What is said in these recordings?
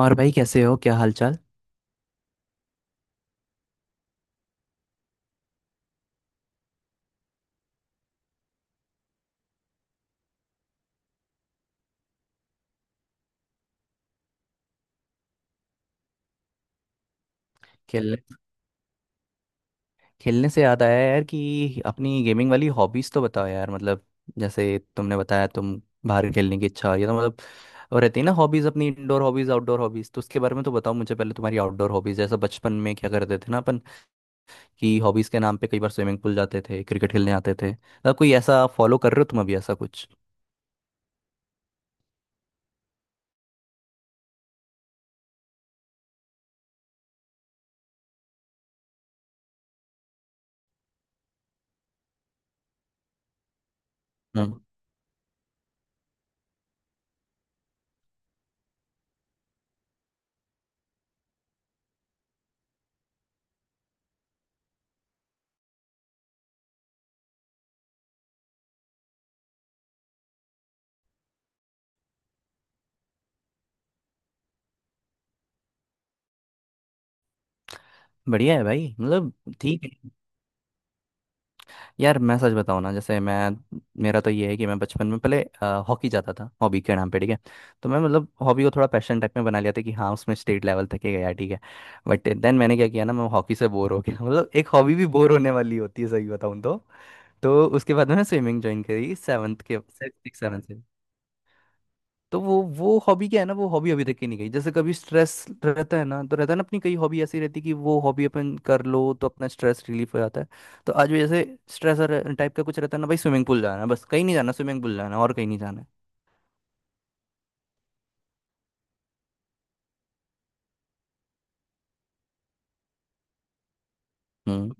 और भाई कैसे हो क्या हालचाल। खेलने खेलने से याद आया यार कि अपनी गेमिंग वाली हॉबीज तो बताओ यार मतलब जैसे तुमने बताया तुम बाहर खेलने की इच्छा ये तो मतलब और रहती है ना। हॉबीज अपनी इंडोर हॉबीज आउटडोर हॉबीज तो उसके बारे में तो बताओ मुझे पहले तुम्हारी आउटडोर हॉबीज जैसे बचपन में क्या करते थे ना अपन कि हॉबीज के नाम पे कई बार स्विमिंग पूल जाते थे क्रिकेट खेलने आते थे मतलब कोई ऐसा फॉलो कर रहे हो तुम अभी ऐसा कुछ। हम्म। बढ़िया है भाई मतलब ठीक है। यार मैं सच बताऊँ ना जैसे मैं मेरा तो ये है कि मैं बचपन में पहले हॉकी जाता था हॉबी के नाम पे ठीक है। तो मैं मतलब हॉबी को थोड़ा पैशन टाइप में बना लिया था कि हाँ उसमें स्टेट लेवल तक ही गया ठीक है। बट देन मैंने क्या किया ना मैं हॉकी से बोर हो गया मतलब एक हॉबी भी बोर होने वाली होती है सही बताऊँ तो। तो उसके बाद मैंने स्विमिंग ज्वाइन करी 7th के 6-7 से। तो वो हॉबी क्या है ना वो हॉबी अभी तक की नहीं गई जैसे कभी स्ट्रेस रहता है ना तो रहता है ना अपनी कई हॉबी ऐसी रहती है कि वो हॉबी अपन कर लो तो अपना स्ट्रेस रिलीफ हो जाता है। तो आज भी जैसे स्ट्रेस टाइप का कुछ रहता है ना भाई स्विमिंग पूल जाना है बस कहीं नहीं जाना। स्विमिंग पूल जाना है और कहीं नहीं जाना है। हम्म।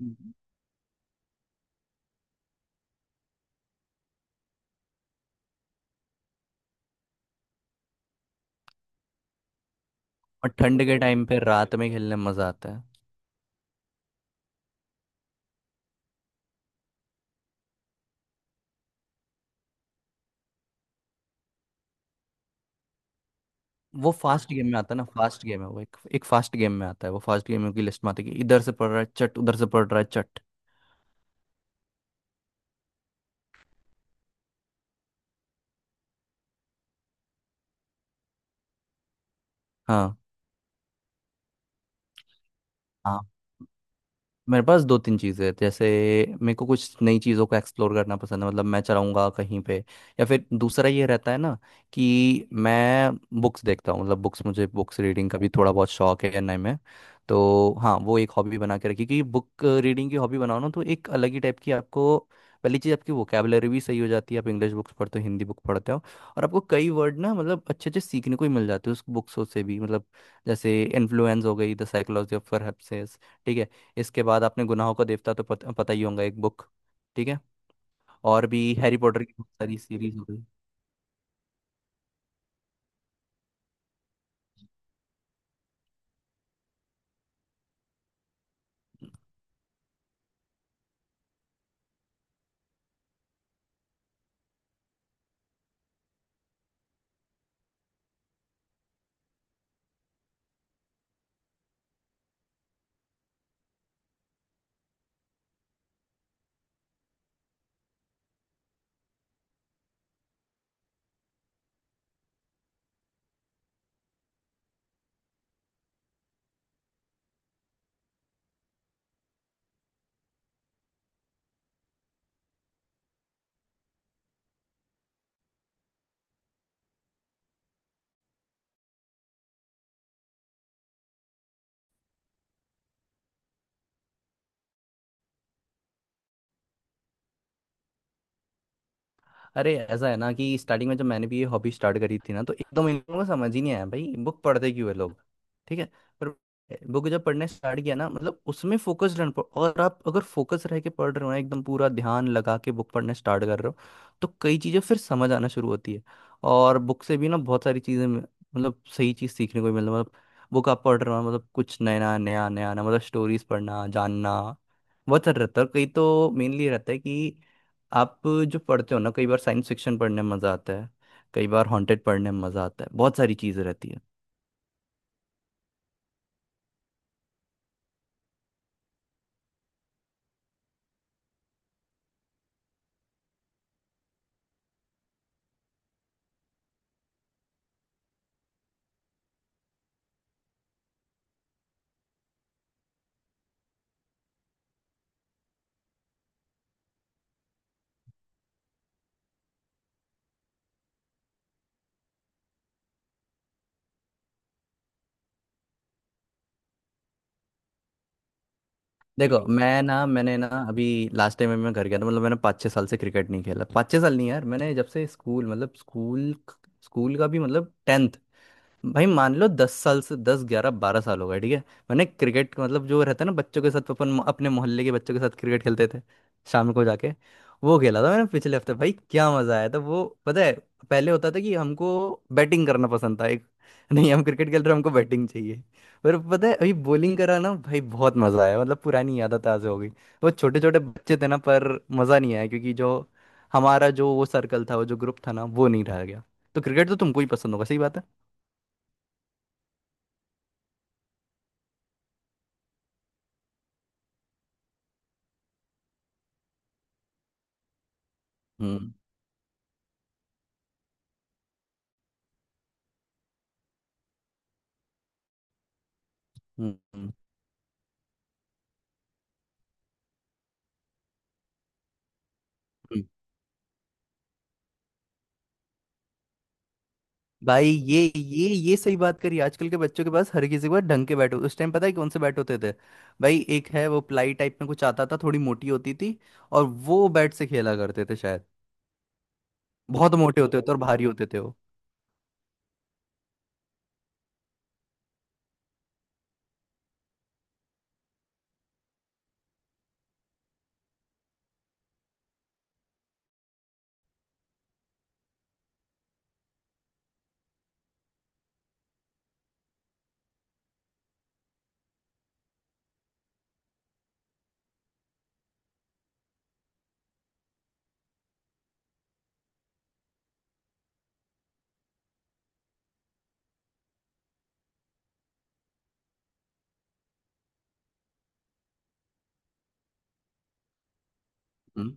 हम्म। और ये तो ठंड के बहुत टाइम पे अच्छी रात में खेलने में मजा आता है। वो फास्ट गेम में आता है ना फास्ट गेम है वो एक एक फास्ट गेम में आता है वो फास्ट गेम की लिस्ट में आता है कि इधर से पड़ रहा है चट उधर से पड़ रहा है चट। हाँ। मेरे पास दो तीन चीज़ें हैं जैसे मेरे को कुछ नई चीज़ों को एक्सप्लोर करना पसंद है मतलब मैं चलाऊंगा कहीं पे। या फिर दूसरा ये रहता है ना कि मैं बुक्स देखता हूँ मतलब बुक्स मुझे बुक्स रीडिंग का भी थोड़ा बहुत शौक है एनआई में। तो हाँ वो एक हॉबी बना के रखी क्योंकि बुक रीडिंग की हॉबी बनाओ ना तो एक अलग ही टाइप की आपको पहली चीज़ आपकी वोकेबलरी भी सही हो जाती है। आप इंग्लिश बुक्स पढ़ते हो हिंदी बुक पढ़ते हो और आपको कई वर्ड ना मतलब अच्छे अच्छे सीखने को ही मिल जाते हैं उस बुक्सों से भी मतलब जैसे इन्फ्लुएंस हो गई द साइकोलॉजी ऑफ परहप्सेस। ठीक है। इसके बाद आपने गुनाहों का देवता तो पता ही होगा एक बुक। ठीक है। और भी हैरी पॉटर की बहुत सारी सीरीज हो गई। अरे ऐसा है ना कि स्टार्टिंग में जब मैंने भी ये हॉबी स्टार्ट करी थी ना तो एकदम इन लोगों को समझ ही नहीं आया भाई बुक पढ़ते क्यों है लोग। ठीक है। पर बुक जब पढ़ने स्टार्ट किया ना मतलब उसमें फोकस रहना और आप अगर फोकस रह के पढ़ रहे हो ना एकदम पूरा ध्यान लगा के बुक पढ़ने स्टार्ट कर रहे हो तो कई चीज़ें फिर समझ आना शुरू होती है। और बुक से भी ना बहुत सारी चीज़ें मतलब सही चीज़ सीखने को मिल मतलब बुक आप पढ़ रहे हो मतलब कुछ नया नया नया नया मतलब स्टोरीज पढ़ना जानना बहुत सारा रहता है और कई तो मेनली रहता है कि आप जो पढ़ते हो ना कई बार साइंस फिक्शन पढ़ने में मज़ा आता है। कई बार हॉन्टेड पढ़ने में मज़ा आता है बहुत सारी चीज़ें रहती है। देखो मैं ना मैंने ना अभी लास्ट टाइम मैं घर गया था मतलब मैंने 5-6 साल से क्रिकेट नहीं खेला। 5-6 साल नहीं यार मैंने जब से स्कूल मतलब स्कूल स्कूल का भी मतलब 10th भाई मान लो 10 साल से 10, 11, 12 साल हो गए ठीक है। मैंने क्रिकेट मतलब जो रहता है ना बच्चों के साथ अपन अपने मोहल्ले के बच्चों के साथ क्रिकेट खेलते थे शाम को जाके वो खेला था मैंने पिछले हफ्ते भाई क्या मजा आया था वो पता है। पहले होता था कि हमको बैटिंग करना पसंद था एक। नहीं हम क्रिकेट खेल रहे हैं, हमको बैटिंग चाहिए। पर पता है अभी बॉलिंग करा ना भाई बहुत मजा आया मतलब पुरानी यादें ताज़ा हो गई। वो छोटे छोटे बच्चे थे ना पर मजा नहीं आया क्योंकि जो हमारा जो वो सर्कल था वो जो ग्रुप था ना वो नहीं रह गया। तो क्रिकेट तो तुमको ही पसंद होगा सही बात है। हम्म, हम्म, हम्म। भाई ये सही बात करी। आजकल के बच्चों के पास हर किसी के पास ढंग के बैट होते उस टाइम पता है कौन से बैट होते थे। भाई एक है वो प्लाई टाइप में कुछ आता था थोड़ी मोटी होती थी और वो बैट से खेला करते थे शायद। बहुत मोटे होते थे और भारी होते थे वो। हम्म।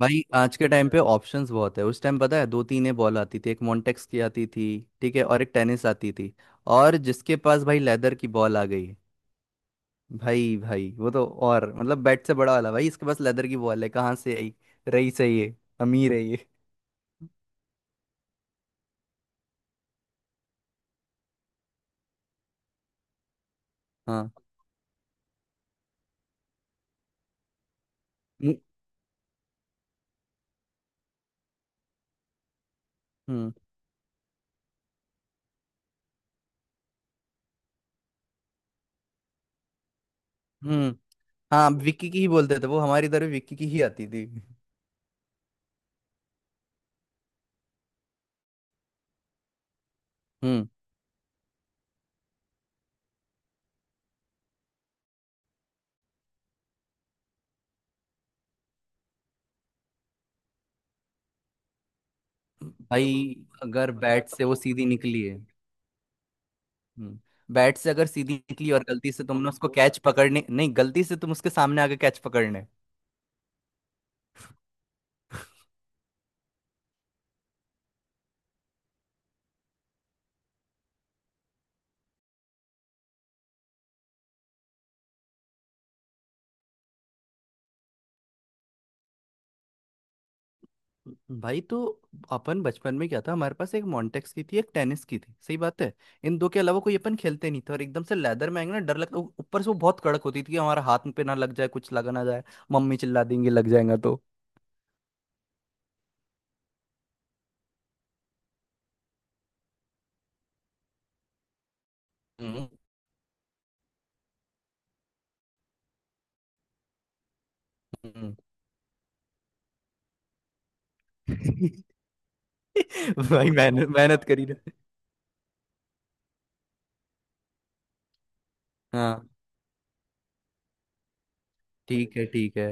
भाई आज के टाइम पे ऑप्शंस बहुत है उस टाइम पता है दो तीन ही बॉल आती थी एक मॉन्टेक्स की आती थी ठीक है और एक टेनिस आती थी और जिसके पास भाई लेदर की बॉल आ गई। भाई भाई वो तो और मतलब बैट से बड़ा वाला भाई इसके पास लेदर की बॉल है कहाँ से आई रही सही है ये, अमीर है ये। हाँ। हम्म हम्म हम्म। हाँ विक्की की ही बोलते थे वो हमारी तरफ विक्की की ही आती थी। हम्म। भाई अगर बैट से वो सीधी निकली है। हम्म। बैट से अगर सीधी निकली और गलती से तुमने उसको कैच पकड़ने नहीं गलती से तुम उसके सामने आके कैच पकड़ने। भाई तो अपन बचपन में क्या था हमारे पास एक मॉन्टेक्स की थी एक टेनिस की थी सही बात है। इन दो के अलावा कोई अपन खेलते नहीं थे और एकदम से लेदर में आएंगे ना डर लगता ऊपर से वो बहुत कड़क होती थी कि हमारा हाथ पे ना लग जाए कुछ लगा ना जाए। मम्मी चिल्ला देंगे लग जाएगा तो। हम्म, हम्म। भाई मेहनत मेहनत करी ना। हाँ। ठीक है ठीक है।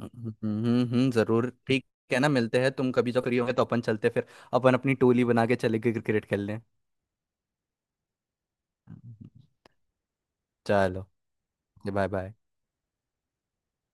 जरूर ठीक है ना मिलते हैं तुम कभी जब फ्री होगे तो अपन चलते हैं, फिर अपन अपनी टोली बना के चले गए क्रिकेट खेलने। हम्म, चलो। Bye bye.